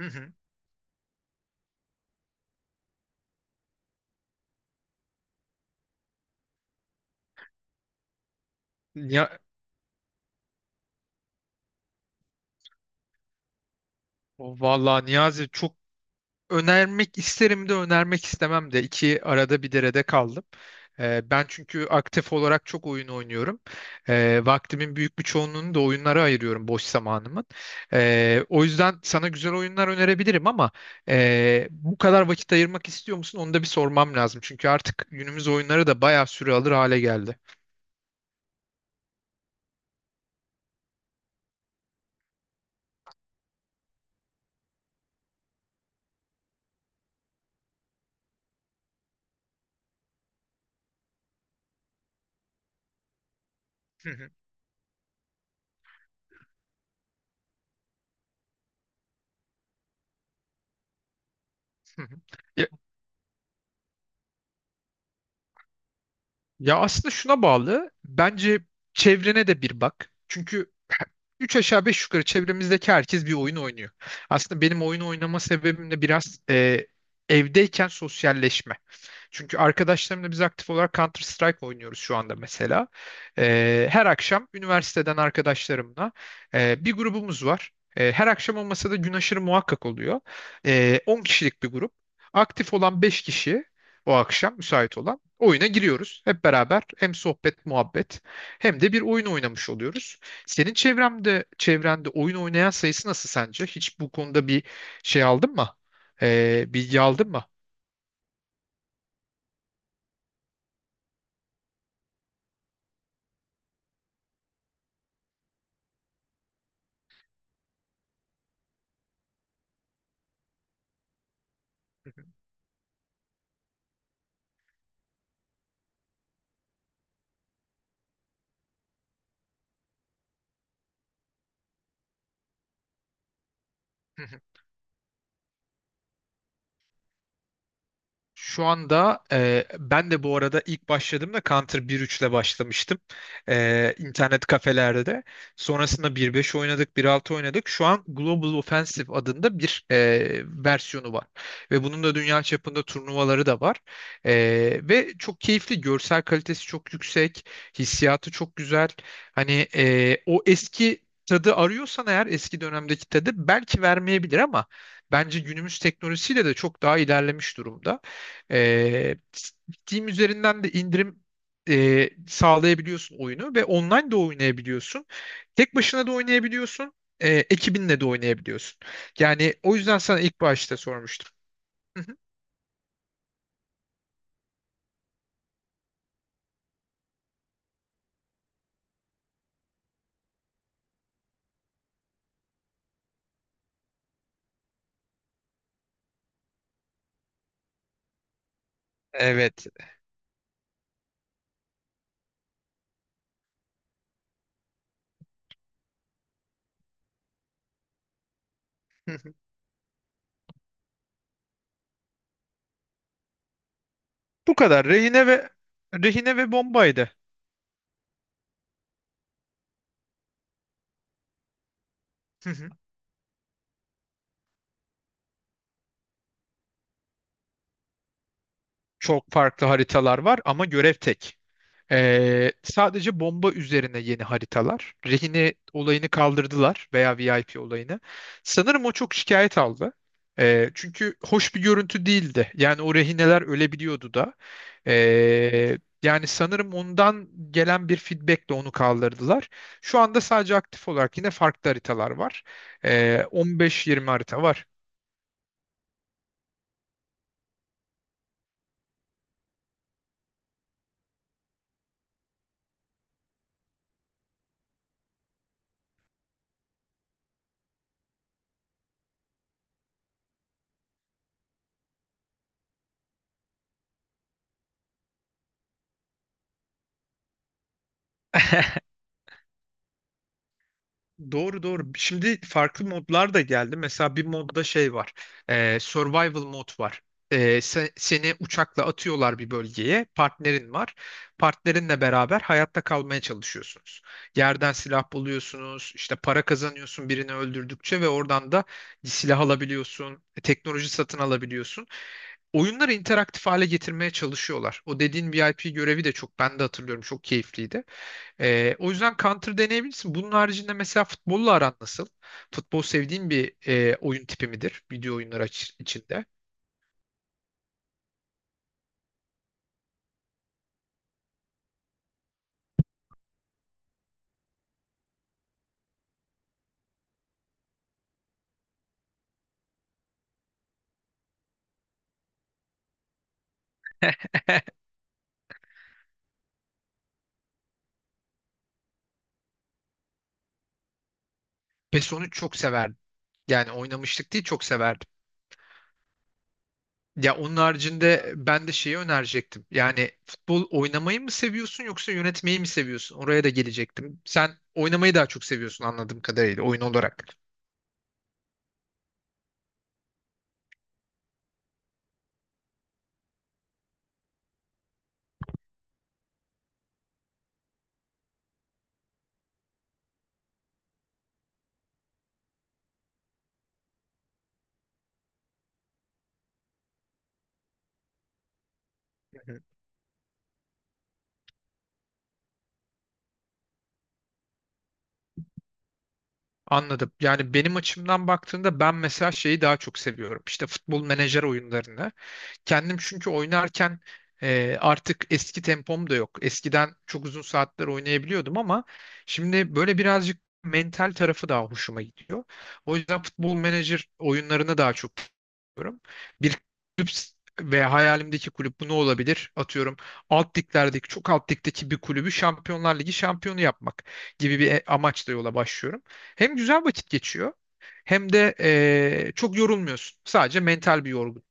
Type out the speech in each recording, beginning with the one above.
Hı hı. Ya, vallahi Niyazi çok önermek isterim de önermek istemem de iki arada bir derede kaldım. Ben çünkü aktif olarak çok oyun oynuyorum. Vaktimin büyük bir çoğunluğunu da oyunlara ayırıyorum boş zamanımın. O yüzden sana güzel oyunlar önerebilirim ama bu kadar vakit ayırmak istiyor musun? Onu da bir sormam lazım. Çünkü artık günümüz oyunları da bayağı süre alır hale geldi. Hı hı, hı hı. Ya aslında şuna bağlı. Bence çevrene de bir bak. Çünkü üç aşağı beş yukarı çevremizdeki herkes bir oyun oynuyor. Aslında benim oyun oynama sebebim de biraz evdeyken sosyalleşme. Çünkü arkadaşlarımla biz aktif olarak Counter Strike oynuyoruz şu anda mesela. Her akşam üniversiteden arkadaşlarımla bir grubumuz var. Her akşam olmasa da gün aşırı muhakkak oluyor. 10 kişilik bir grup. Aktif olan 5 kişi o akşam müsait olan. Oyuna giriyoruz. Hep beraber hem sohbet, muhabbet hem de bir oyun oynamış oluyoruz. Senin çevremde, çevrende oyun oynayan sayısı nasıl sence? Hiç bu konuda bir şey aldın mı? Bilgi aldın mı? Hı hı. Şu anda ben de bu arada ilk başladığımda Counter 1.3 ile başlamıştım. İnternet kafelerde de. Sonrasında 1.5 oynadık, 1.6 oynadık. Şu an Global Offensive adında bir versiyonu var. Ve bunun da dünya çapında turnuvaları da var. E, Ve çok keyifli. Görsel kalitesi çok yüksek. Hissiyatı çok güzel. Hani o eski tadı arıyorsan eğer eski dönemdeki tadı belki vermeyebilir ama bence günümüz teknolojisiyle de çok daha ilerlemiş durumda. Ee, Steam üzerinden de indirim sağlayabiliyorsun oyunu ve online de oynayabiliyorsun. Tek başına da oynayabiliyorsun. Ekibinle de oynayabiliyorsun. Yani o yüzden sana ilk başta sormuştum. Hı hı, evet. Hı hı. Bu kadar. Rehine ve Bombay'dı. Hı hı. Çok farklı haritalar var ama görev tek. Sadece bomba üzerine yeni haritalar. Rehine olayını kaldırdılar veya VIP olayını. Sanırım o çok şikayet aldı. Çünkü hoş bir görüntü değildi. Yani o rehineler ölebiliyordu da. Ee, Yani sanırım ondan gelen bir feedbackle onu kaldırdılar. Şu anda sadece aktif olarak yine farklı haritalar var. 15-20 harita var. Doğru doğru. Şimdi farklı modlar da geldi. Mesela bir modda şey var. Survival mod var. Seni uçakla atıyorlar bir bölgeye. Partnerin var. Partnerinle beraber hayatta kalmaya çalışıyorsunuz. Yerden silah buluyorsunuz. İşte para kazanıyorsun birini öldürdükçe ve oradan da silah alabiliyorsun. Teknoloji satın alabiliyorsun. Oyunları interaktif hale getirmeye çalışıyorlar. O dediğin VIP görevi de çok ben de hatırlıyorum çok keyifliydi. O yüzden counter deneyebilirsin. Bunun haricinde mesela futbolla aran nasıl? Futbol sevdiğin bir oyun tipi midir? İçinde. PES onu çok severdim. Yani oynamıştık değil çok severdim. Ya onun haricinde ben de şeyi önerecektim. Yani futbol oynamayı mı seviyorsun yoksa yönetmeyi mi seviyorsun? Oraya da gelecektim. Sen oynamayı daha çok seviyorsun anladığım kadarıyla oyun olarak. Hı hı. Anladım. Yani benim açımdan baktığında ben mesela şeyi daha çok seviyorum. İşte futbol menajer oyunlarını. Kendim çünkü oynarken artık eski tempom da yok. Eskiden çok uzun saatler oynayabiliyordum ama şimdi böyle birazcık mental tarafı daha hoşuma gidiyor. O yüzden futbol menajer oyunlarına daha çok seviyorum ve hayalimdeki kulüp bu ne olabilir? Atıyorum alt liglerdeki çok alt ligdeki bir kulübü Şampiyonlar Ligi şampiyonu yapmak gibi bir amaçla yola başlıyorum. Hem güzel vakit geçiyor hem de çok yorulmuyorsun. Sadece mental bir yorgun.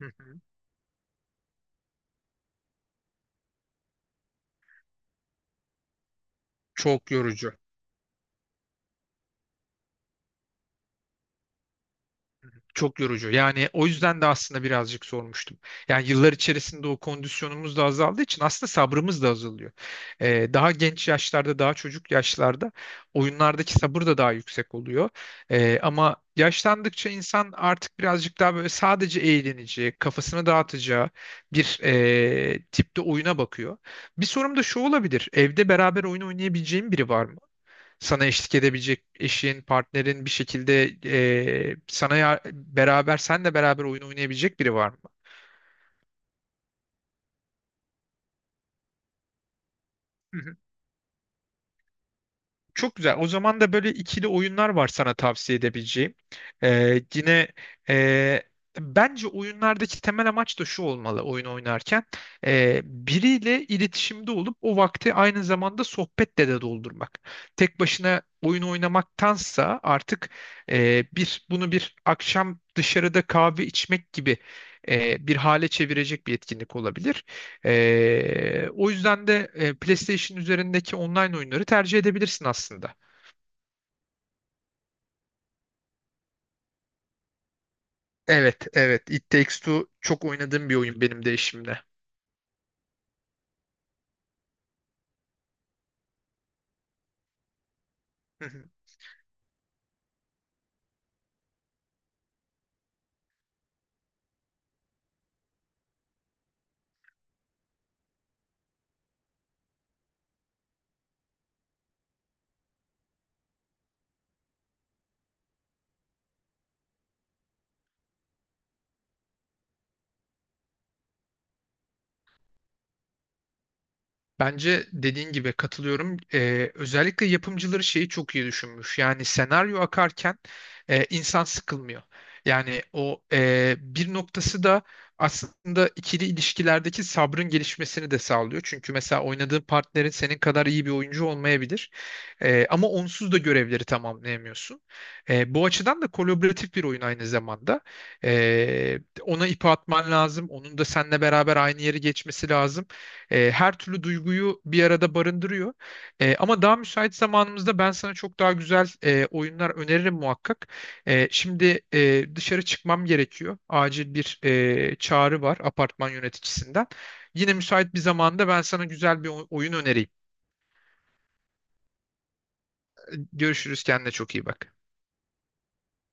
Hı hı. Çok yorucu. Çok yorucu. Yani o yüzden de aslında birazcık sormuştum. Yani yıllar içerisinde o kondisyonumuz da azaldığı için aslında sabrımız da azalıyor. Daha genç yaşlarda, daha çocuk yaşlarda oyunlardaki sabır da daha yüksek oluyor. Ama yaşlandıkça insan artık birazcık daha böyle sadece eğleneceği, kafasını dağıtacağı bir tipte oyuna bakıyor. Bir sorum da şu olabilir. Evde beraber oyun oynayabileceğim biri var mı? Sana eşlik edebilecek eşin, partnerin bir şekilde sana senle beraber oyun oynayabilecek biri var mı? Çok güzel. O zaman da böyle ikili oyunlar var sana tavsiye edebileceğim. Ee, yine e, Bence oyunlardaki temel amaç da şu olmalı oyun oynarken. Biriyle iletişimde olup o vakti aynı zamanda sohbetle de doldurmak. Tek başına oyun oynamaktansa artık e, bir bunu bir akşam dışarıda kahve içmek gibi bir hale çevirecek bir etkinlik olabilir. O yüzden de PlayStation üzerindeki online oyunları tercih edebilirsin aslında. Evet, evet. It Takes Two çok oynadığım bir oyun benim de eşimde. Bence dediğin gibi katılıyorum. Özellikle yapımcıları şeyi çok iyi düşünmüş. Yani senaryo akarken insan sıkılmıyor. Yani o bir noktası da aslında ikili ilişkilerdeki sabrın gelişmesini de sağlıyor. Çünkü mesela oynadığın partnerin senin kadar iyi bir oyuncu olmayabilir. Ama onsuz da görevleri tamamlayamıyorsun. Bu açıdan da kolaboratif bir oyun aynı zamanda. Ona ipi atman lazım. Onun da seninle beraber aynı yeri geçmesi lazım. Her türlü duyguyu bir arada barındırıyor. Ama daha müsait zamanımızda ben sana çok daha güzel oyunlar öneririm muhakkak. Şimdi dışarı çıkmam gerekiyor. Acil bir çağrı var apartman yöneticisinden. Yine müsait bir zamanda ben sana güzel bir oyun önereyim. Görüşürüz kendine çok iyi bak.